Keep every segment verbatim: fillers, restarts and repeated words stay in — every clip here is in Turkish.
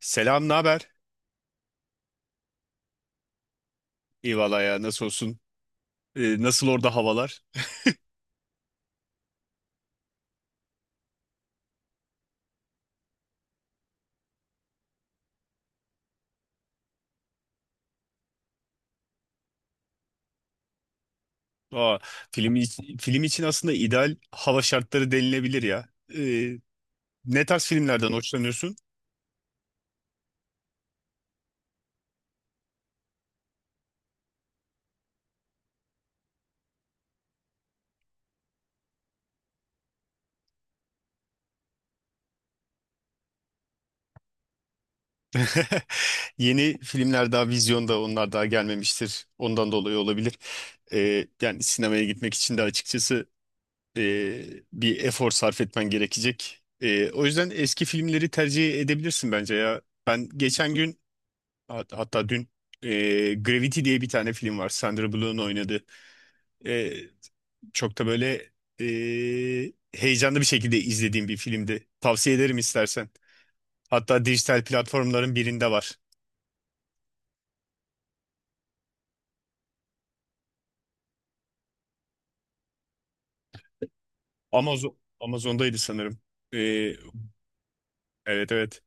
Selam, ne haber? İyi valla ya, nasıl olsun? Ee, nasıl orada havalar? Aa, film, iç- film için aslında ideal hava şartları denilebilir ya. Ee, Ne tarz filmlerden hoşlanıyorsun? Yeni filmler daha vizyonda, onlar daha gelmemiştir. Ondan dolayı olabilir. Ee, yani sinemaya gitmek için de açıkçası e, bir efor sarf etmen gerekecek. Ee, o yüzden eski filmleri tercih edebilirsin bence ya. Ben geçen gün, Hat- hatta dün, e, Gravity diye bir tane film var, Sandra Bullock'un oynadığı. E, Çok da böyle e, heyecanlı bir şekilde izlediğim bir filmdi. Tavsiye ederim istersen. Hatta dijital platformların birinde var. Amazon Amazon'daydı sanırım. E, evet, evet.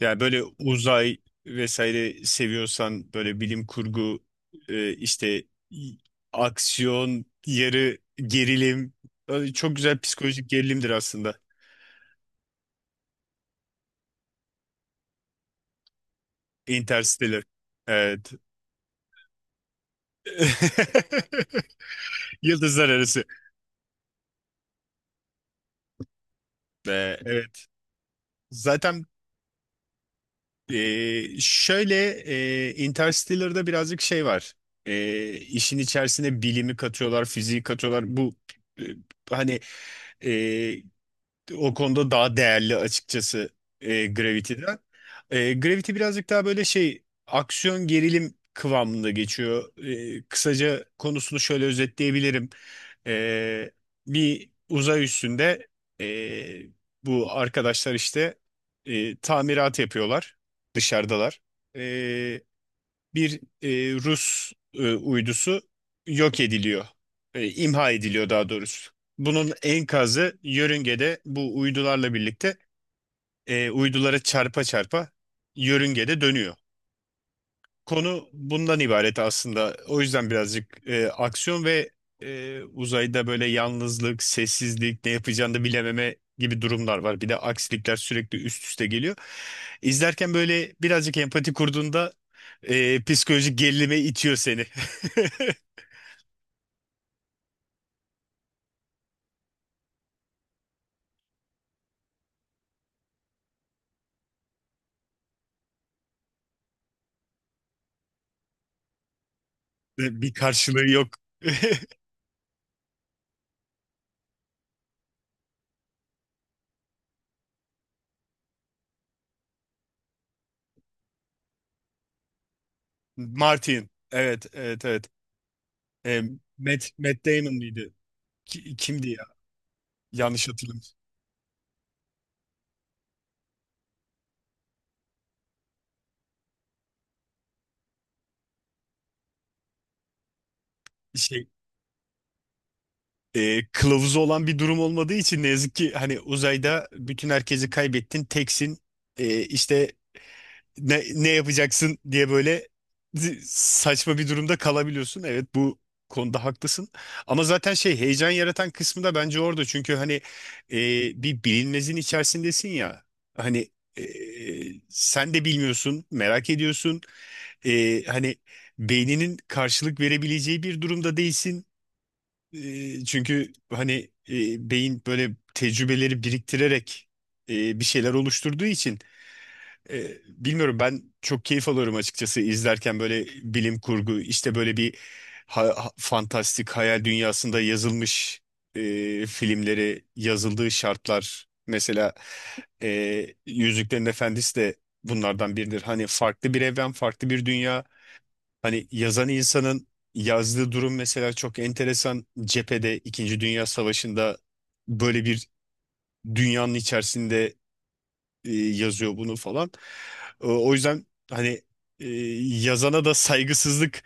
Yani böyle uzay vesaire seviyorsan, böyle bilim kurgu, e, işte, y- aksiyon, yarı gerilim, e, çok güzel psikolojik gerilimdir aslında. Interstellar. Evet. Yıldızlar Arası. Ve evet. Zaten e, şöyle, e, Interstellar'da birazcık şey var. E, işin içerisine bilimi katıyorlar, fiziği katıyorlar. Bu e, hani e, o konuda daha değerli açıkçası e, Gravity'den. E, Gravity birazcık daha böyle şey, aksiyon gerilim kıvamında geçiyor. E, kısaca konusunu şöyle özetleyebilirim. E, Bir uzay üstünde e, bu arkadaşlar işte e, tamirat yapıyorlar, dışarıdalar. E, Bir e, Rus e, uydusu yok ediliyor. E, imha ediliyor daha doğrusu. Bunun enkazı yörüngede bu uydularla birlikte e, uydulara çarpa çarpa yörüngede dönüyor. Konu bundan ibaret aslında. O yüzden birazcık e, aksiyon ve e, uzayda böyle yalnızlık, sessizlik, ne yapacağını da bilememe gibi durumlar var. Bir de aksilikler sürekli üst üste geliyor. İzlerken böyle birazcık empati kurduğunda e, psikolojik gerilime itiyor seni. Bir karşılığı yok. Martin. Evet, evet, evet. E, Matt, Matt Damon mıydı? Ki- kimdi ya? Yanlış hatırlamış. E, kılavuzu olan bir durum olmadığı için ne yazık ki, hani uzayda bütün herkesi kaybettin, teksin. E, işte ne, ne yapacaksın diye böyle z- saçma bir durumda kalabiliyorsun. Evet, bu konuda haklısın ama zaten şey, heyecan yaratan kısmı da bence orada, çünkü hani e, bir bilinmezin içerisindesin ya, hani e, sen de bilmiyorsun, merak ediyorsun. E, hani beyninin karşılık verebileceği bir durumda değilsin, e, çünkü hani e, beyin böyle tecrübeleri biriktirerek e, bir şeyler oluşturduğu için e, bilmiyorum, ben çok keyif alıyorum açıkçası izlerken. Böyle bilim kurgu, işte böyle bir ha- ha- fantastik hayal dünyasında yazılmış e, filmleri, yazıldığı şartlar mesela e, Yüzüklerin Efendisi de bunlardan biridir. Hani farklı bir evren, farklı bir dünya. Hani yazan insanın yazdığı durum mesela çok enteresan. Cephede İkinci Dünya Savaşı'nda böyle bir dünyanın içerisinde e, yazıyor bunu falan. E, o yüzden hani e, yazana da saygısızlık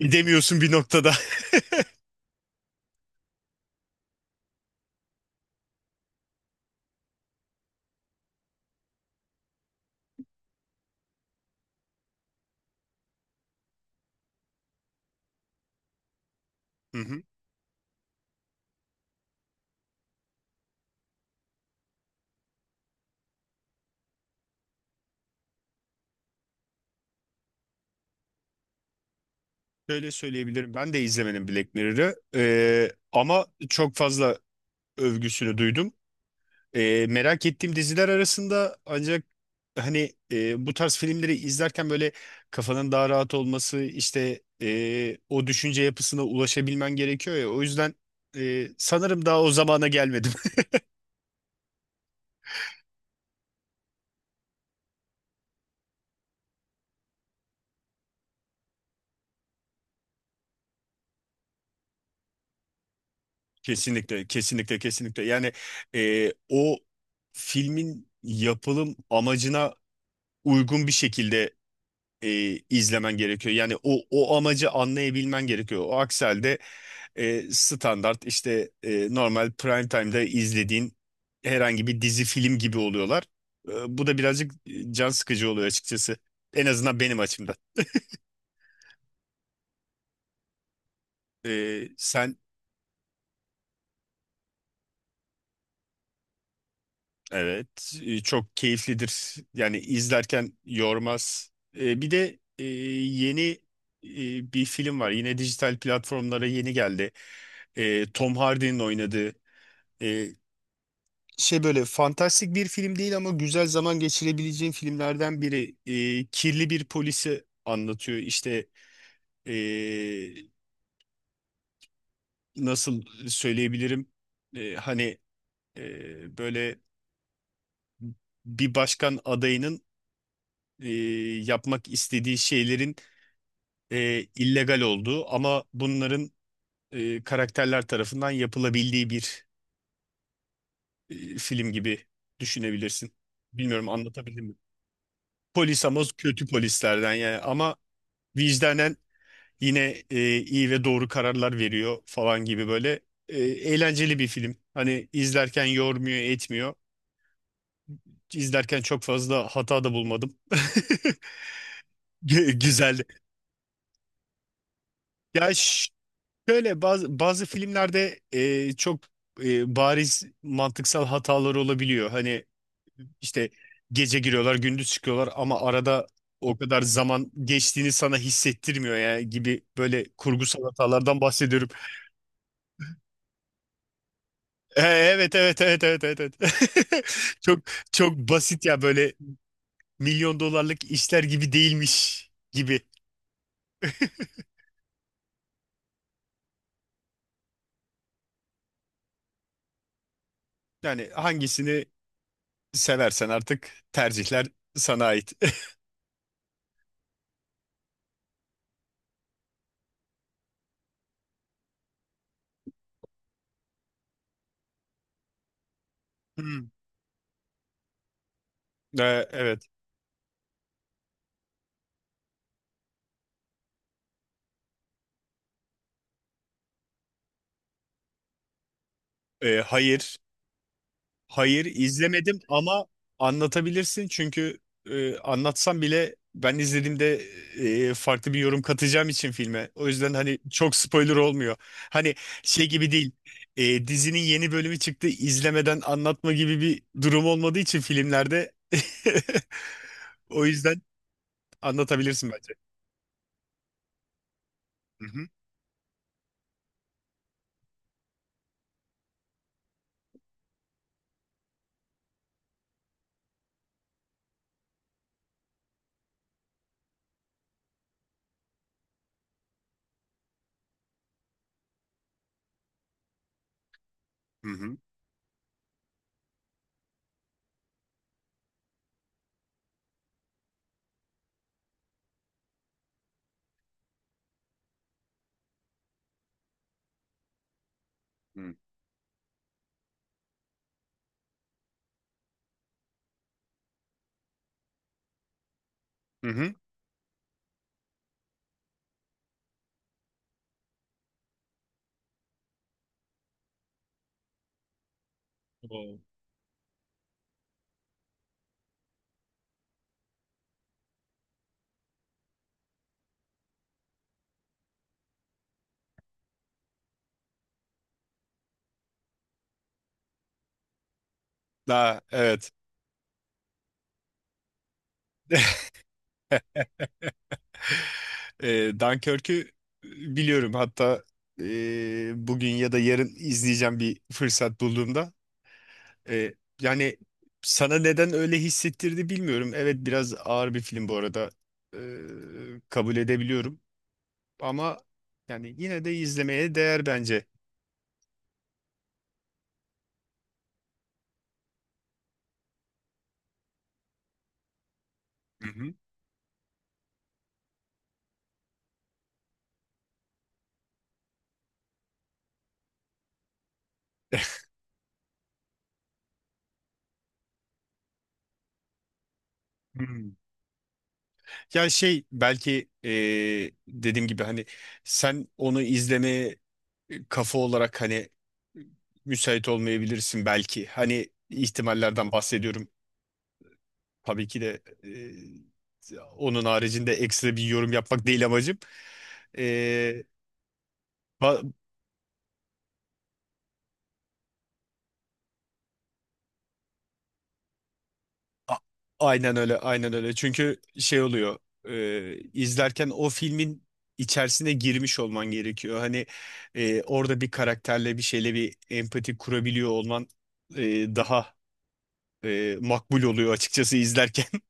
edemiyorsun bir noktada. Hı hı. Şöyle söyleyebilirim. Ben de izlemedim Black Mirror'ı. E, ama çok fazla övgüsünü duydum. E, merak ettiğim diziler arasında, ancak hani e, bu tarz filmleri izlerken böyle kafanın daha rahat olması, işte e, o düşünce yapısına ulaşabilmen gerekiyor ya, o yüzden e, sanırım daha o zamana gelmedim. Kesinlikle, kesinlikle, kesinlikle. Yani e, o filmin yapılım amacına uygun bir şekilde e, izlemen gerekiyor. Yani o o amacı anlayabilmen gerekiyor. O akselde e, standart, işte e, normal prime time'da izlediğin herhangi bir dizi film gibi oluyorlar. E, bu da birazcık e, can sıkıcı oluyor açıkçası. En azından benim açımdan. E, sen. Evet, e, çok keyiflidir. Yani izlerken yormaz. E, bir de e, yeni e, bir film var. Yine dijital platformlara yeni geldi. E, Tom Hardy'nin oynadığı. E, Şey, böyle fantastik bir film değil ama güzel zaman geçirebileceğin filmlerden biri. Ee, kirli bir polisi anlatıyor. İşte, ee, nasıl söyleyebilirim? Ee, hani ee, böyle bir başkan adayının ee, yapmak istediği şeylerin ee, illegal olduğu ama bunların ee, karakterler tarafından yapılabildiği bir ee, film gibi düşünebilirsin. Bilmiyorum, anlatabildim mi? Polis, ama kötü polislerden yani, ama vicdanen yine e, iyi ve doğru kararlar veriyor falan, gibi böyle. E, eğlenceli bir film. Hani izlerken yormuyor, etmiyor. İzlerken çok fazla hata da bulmadım. Gü- Güzeldi. Ya, ş- şöyle bazı, bazı, filmlerde e, çok e, bariz mantıksal hataları olabiliyor. Hani işte gece giriyorlar, gündüz çıkıyorlar ama arada o kadar zaman geçtiğini sana hissettirmiyor ya, gibi böyle kurgusal hatalardan bahsediyorum. E, Evet, evet, evet, evet, evet. Evet. Çok çok basit ya, böyle milyon dolarlık işler gibi değilmiş gibi. Yani hangisini seversen artık, tercihler sana ait. Hmm. E, Evet. E, hayır. Hayır, izlemedim ama anlatabilirsin çünkü e, anlatsam bile ben izlediğimde e, farklı bir yorum katacağım için filme. O yüzden hani çok spoiler olmuyor. Hani şey gibi değil, e, dizinin yeni bölümü çıktı izlemeden anlatma gibi bir durum olmadığı için filmlerde. O yüzden anlatabilirsin bence. Hı hı. Hı hı. Hı hı. Daha evet. E, Dunkirk'ü biliyorum. Hatta e, bugün ya da yarın izleyeceğim bir fırsat bulduğumda. E, Yani sana neden öyle hissettirdi bilmiyorum. Evet, biraz ağır bir film bu arada. E, Kabul edebiliyorum. Ama yani yine de izlemeye değer bence. Hı hı. Hmm. Ya şey, belki e, dediğim gibi hani sen onu izlemeye e, kafa olarak hani müsait olmayabilirsin belki. Hani ihtimallerden bahsediyorum. Tabii ki de e, onun haricinde ekstra bir yorum yapmak değil amacım. E, ba- a- aynen öyle, aynen öyle. Çünkü şey oluyor. e, izlerken o filmin içerisine girmiş olman gerekiyor. Hani e, orada bir karakterle bir şeyle bir empati kurabiliyor olman e, daha e, makbul oluyor açıkçası izlerken.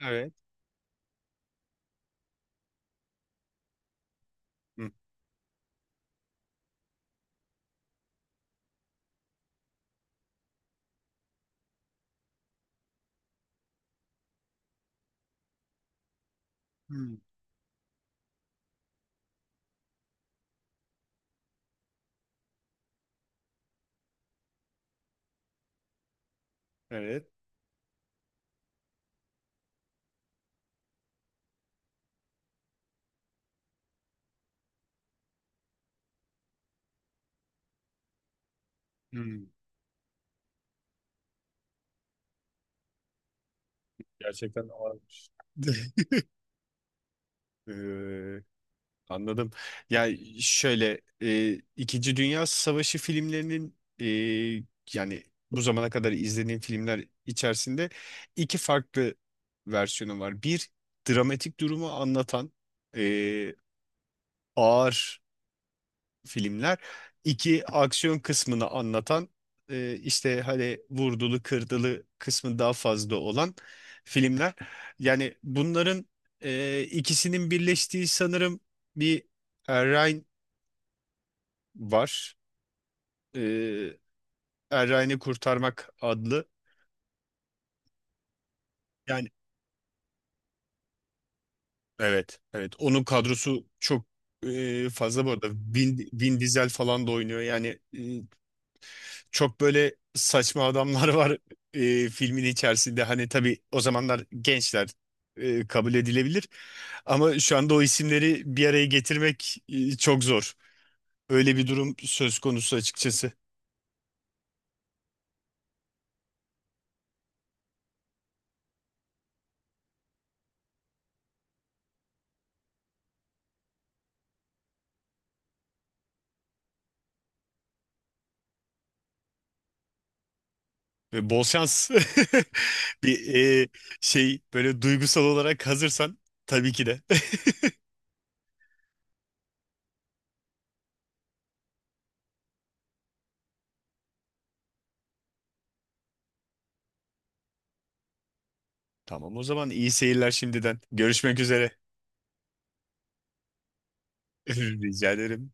Evet. Hı. Hı. Evet. Hı. Gerçekten ağırmış. Ee, Anladım. Ya şöyle e, İkinci Dünya Savaşı filmlerinin, e, yani bu zamana kadar izlediğim filmler içerisinde, iki farklı versiyonu var. Bir, dramatik durumu anlatan e, ağır filmler. İki, aksiyon kısmını anlatan e, işte hani vurdulu kırdılı kısmı daha fazla olan filmler. Yani bunların e, ikisinin birleştiği sanırım bir Ryan var. Ee, Errani Kurtarmak adlı. Yani evet, evet. Onun kadrosu çok e, fazla bu arada. Vin, Vin Diesel falan da oynuyor. Yani e, çok böyle saçma adamlar var e, filmin içerisinde. Hani tabii o zamanlar gençler e, kabul edilebilir. Ama şu anda o isimleri bir araya getirmek e, çok zor. Öyle bir durum söz konusu açıkçası. Ve bol şans. Bir e, şey, böyle duygusal olarak hazırsan tabii ki de. Tamam, o zaman iyi seyirler şimdiden. Görüşmek üzere. Rica ederim.